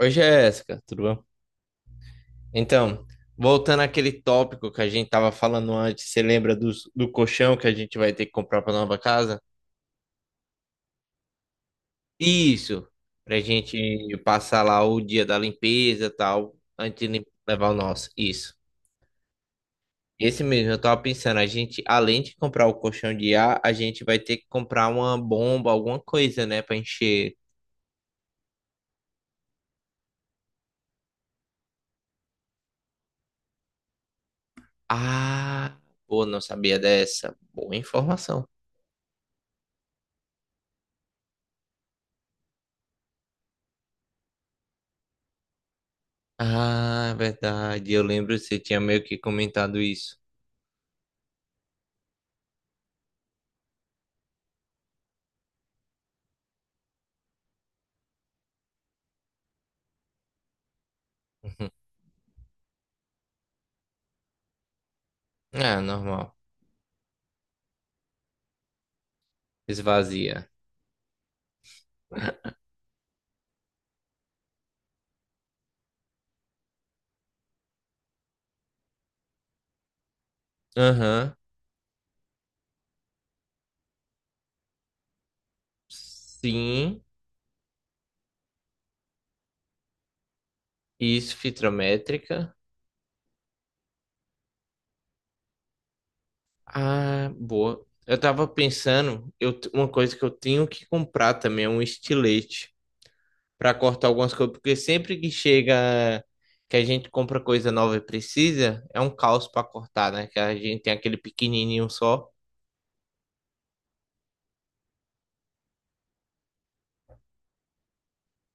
Oi, Jéssica, tudo bom? Então, voltando àquele tópico que a gente tava falando antes, você lembra do colchão que a gente vai ter que comprar para nova casa? Isso, pra gente passar lá o dia da limpeza e tal, antes de levar o nosso. Isso. Esse mesmo, eu tava pensando, a gente, além de comprar o colchão de ar, a gente vai ter que comprar uma bomba, alguma coisa, né, pra encher. Ah, pô, não sabia dessa. Boa informação. Ah, é verdade. Eu lembro que você tinha meio que comentado isso. Uhum. Ah, normal. Esvazia. Aham. Sim. Isso, fitrométrica. Ah, boa. Eu tava pensando, uma coisa que eu tenho que comprar também é um estilete para cortar algumas coisas, porque sempre que chega que a gente compra coisa nova e precisa, é um caos para cortar, né? Que a gente tem aquele pequenininho só.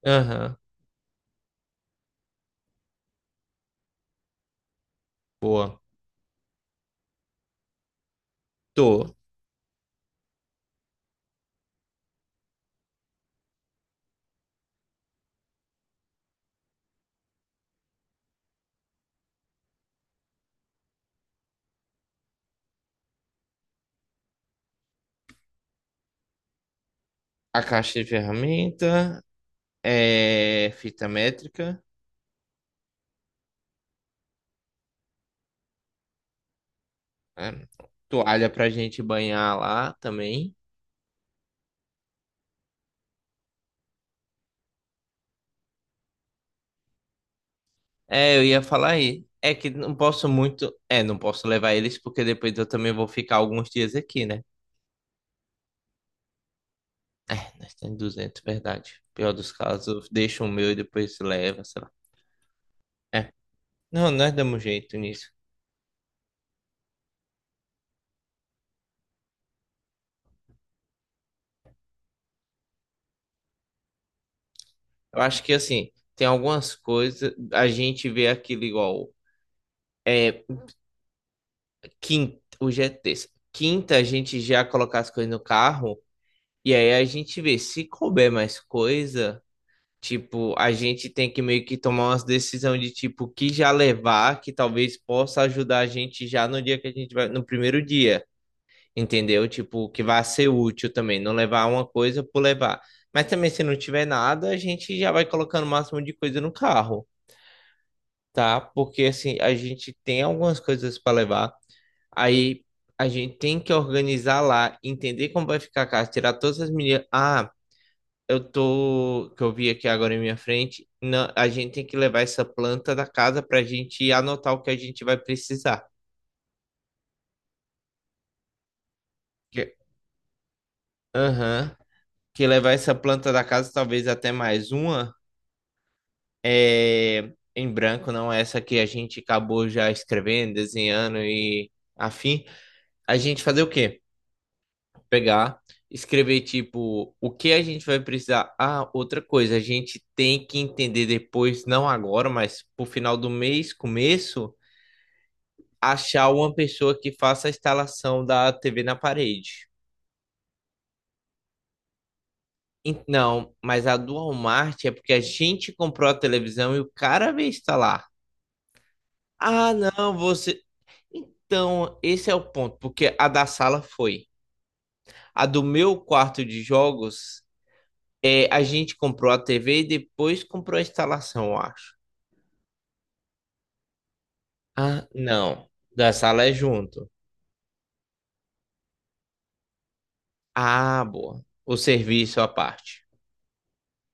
Aham, boa. Tô. A caixa de ferramenta. É, fita métrica, né? Toalha pra gente banhar lá também. É, eu ia falar aí. É que não posso muito. É, não posso levar eles porque depois eu também vou ficar alguns dias aqui, né? Nós temos 200, verdade. Pior dos casos, deixa o meu e depois leva, sei lá. É. Não, nós damos jeito nisso. Eu acho que assim, tem algumas coisas. A gente vê aquilo igual. É, quinta. Hoje é terça. Quinta, a gente já colocar as coisas no carro. E aí a gente vê, se couber mais coisa, tipo, a gente tem que meio que tomar umas decisões de tipo que já levar, que talvez possa ajudar a gente já no dia que a gente vai, no primeiro dia, entendeu? Tipo, que vai ser útil também, não levar uma coisa por levar. Mas também se não tiver nada, a gente já vai colocando o máximo de coisa no carro, tá? Porque assim, a gente tem algumas coisas para levar. Aí a gente tem que organizar lá, entender como vai ficar a casa, tirar todas as medidas. Ah, eu tô, que eu vi aqui agora em minha frente, não, a gente tem que levar essa planta da casa pra gente anotar o que a gente vai precisar. Que, aham, que levar essa planta da casa, talvez até mais uma, é, em branco, não essa que a gente acabou já escrevendo, desenhando e afim. A gente fazer o quê? Pegar, escrever tipo o que a gente vai precisar. Ah, outra coisa, a gente tem que entender depois, não agora, mas pro final do mês, começo achar uma pessoa que faça a instalação da TV na parede. Não, mas a do Walmart é porque a gente comprou a televisão e o cara veio instalar. Ah, não, você. Então, esse é o ponto, porque a da sala foi. A do meu quarto de jogos, é, a gente comprou a TV e depois comprou a instalação, eu acho. Ah, não. Da sala é junto. Ah, boa. O serviço à parte.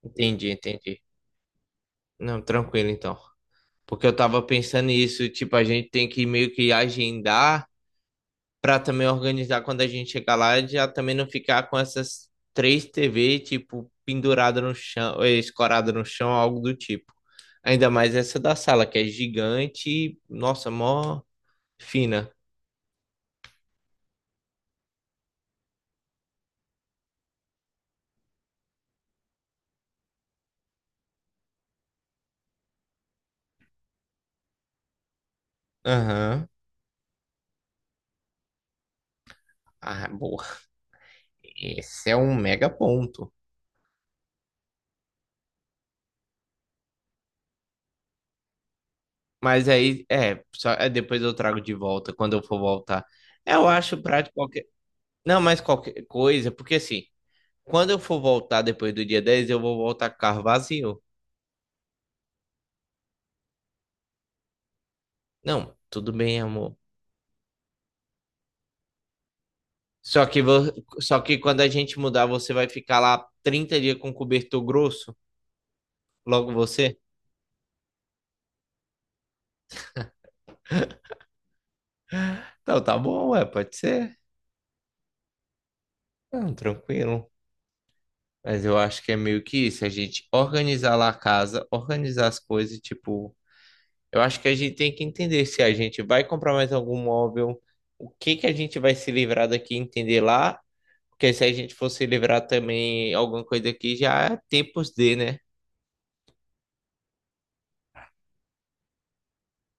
Entendi, entendi. Não, tranquilo então. Porque eu tava pensando nisso, tipo, a gente tem que meio que agendar pra também organizar quando a gente chegar lá, já também não ficar com essas três TV, tipo, pendurada no chão, escorada no chão, algo do tipo. Ainda mais essa da sala, que é gigante, e, nossa, mó fina. Aham. Ah, boa. Esse é um mega ponto. Mas aí, é, só, é, depois eu trago de volta, quando eu for voltar. Eu acho prático qualquer. Não, mas qualquer coisa, porque assim. Quando eu for voltar depois do dia 10, eu vou voltar com o carro vazio. Não, tudo bem, amor. Só que, só que quando a gente mudar, você vai ficar lá 30 dias com cobertor grosso? Logo você? Não, tá bom, ué, pode ser. Não, tranquilo. Mas eu acho que é meio que isso, a gente organizar lá a casa, organizar as coisas, tipo, eu acho que a gente tem que entender se a gente vai comprar mais algum móvel, o que que a gente vai se livrar daqui, entender lá. Porque se a gente fosse livrar também alguma coisa aqui, já é tempos de, né?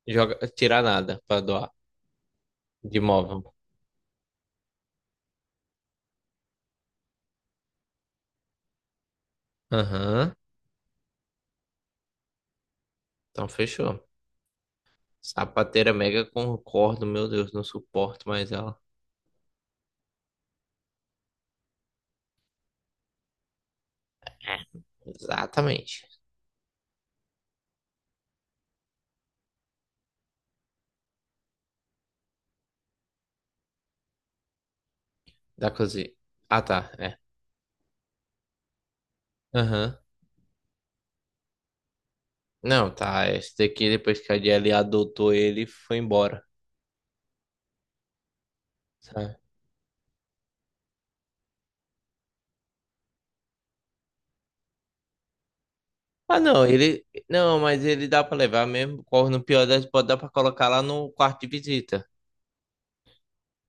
Joga, tirar nada pra doar de imóvel. Aham. Então fechou. Sapateira mega concordo, meu Deus, não suporto mais ela. É, exatamente. Da cozinha. Ah, tá. É. Aham. Não, tá. Esse daqui, depois que a Jelly adotou ele, foi embora. Sabe? Ah, não, ele. Não, mas ele dá pra levar mesmo. Corre no pior das, pode dar pra colocar lá no quarto de visita.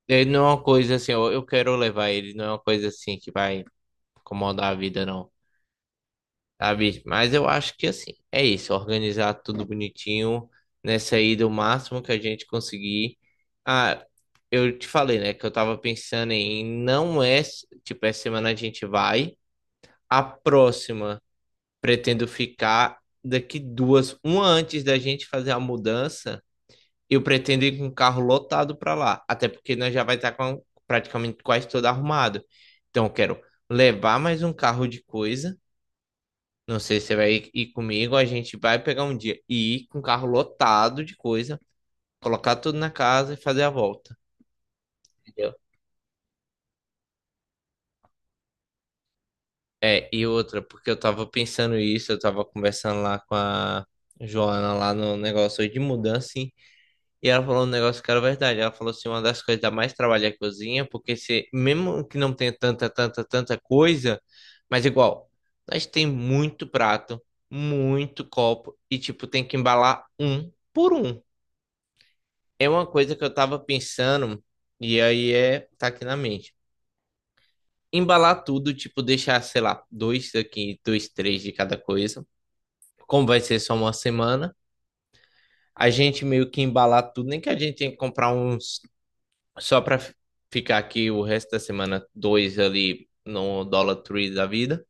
Ele não é uma coisa assim, eu quero levar ele, não é uma coisa assim que vai incomodar a vida, não, sabe? Mas eu acho que assim, é isso, organizar tudo bonitinho, nessa ida o máximo que a gente conseguir. Ah, eu te falei, né, que eu tava pensando em não é, tipo, essa semana a gente vai, a próxima pretendo ficar daqui duas, uma antes da gente fazer a mudança. Eu pretendo ir com o carro lotado para lá, até porque nós já vai estar com praticamente quase todo arrumado. Então, eu quero levar mais um carro de coisa. Não sei se você vai ir comigo, a gente vai pegar um dia e ir com o carro lotado de coisa, colocar tudo na casa e fazer a volta, entendeu? É, e outra, porque eu tava pensando isso, eu tava conversando lá com a Joana lá no negócio de mudança. E ela falou um negócio que era verdade. Ela falou assim, uma das coisas que dá mais trabalho é a cozinha, porque se, mesmo que não tenha tanta, tanta, tanta coisa, mas igual, nós tem muito prato, muito copo, e tipo, tem que embalar um por um. É uma coisa que eu tava pensando, e aí é, tá aqui na mente. Embalar tudo, tipo, deixar, sei lá, dois aqui, dois, três de cada coisa. Como vai ser só uma semana, a gente meio que embalar tudo, nem que a gente tenha que comprar uns só para ficar aqui o resto da semana, dois ali no Dollar Tree da vida.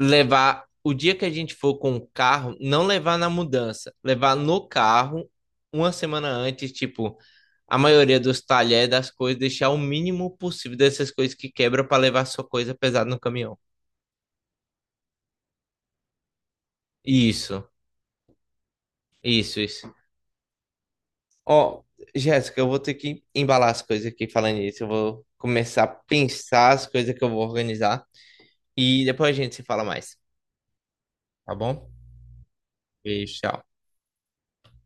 Levar o dia que a gente for com o carro, não levar na mudança, levar no carro uma semana antes, tipo, a maioria dos talheres das coisas, deixar o mínimo possível dessas coisas que quebra para levar sua coisa pesada no caminhão. Isso, isso, isso. Ó, Jéssica, eu vou ter que embalar as coisas aqui falando isso. Eu vou começar a pensar as coisas que eu vou organizar e depois a gente se fala mais. Tá bom? Beijo, tchau.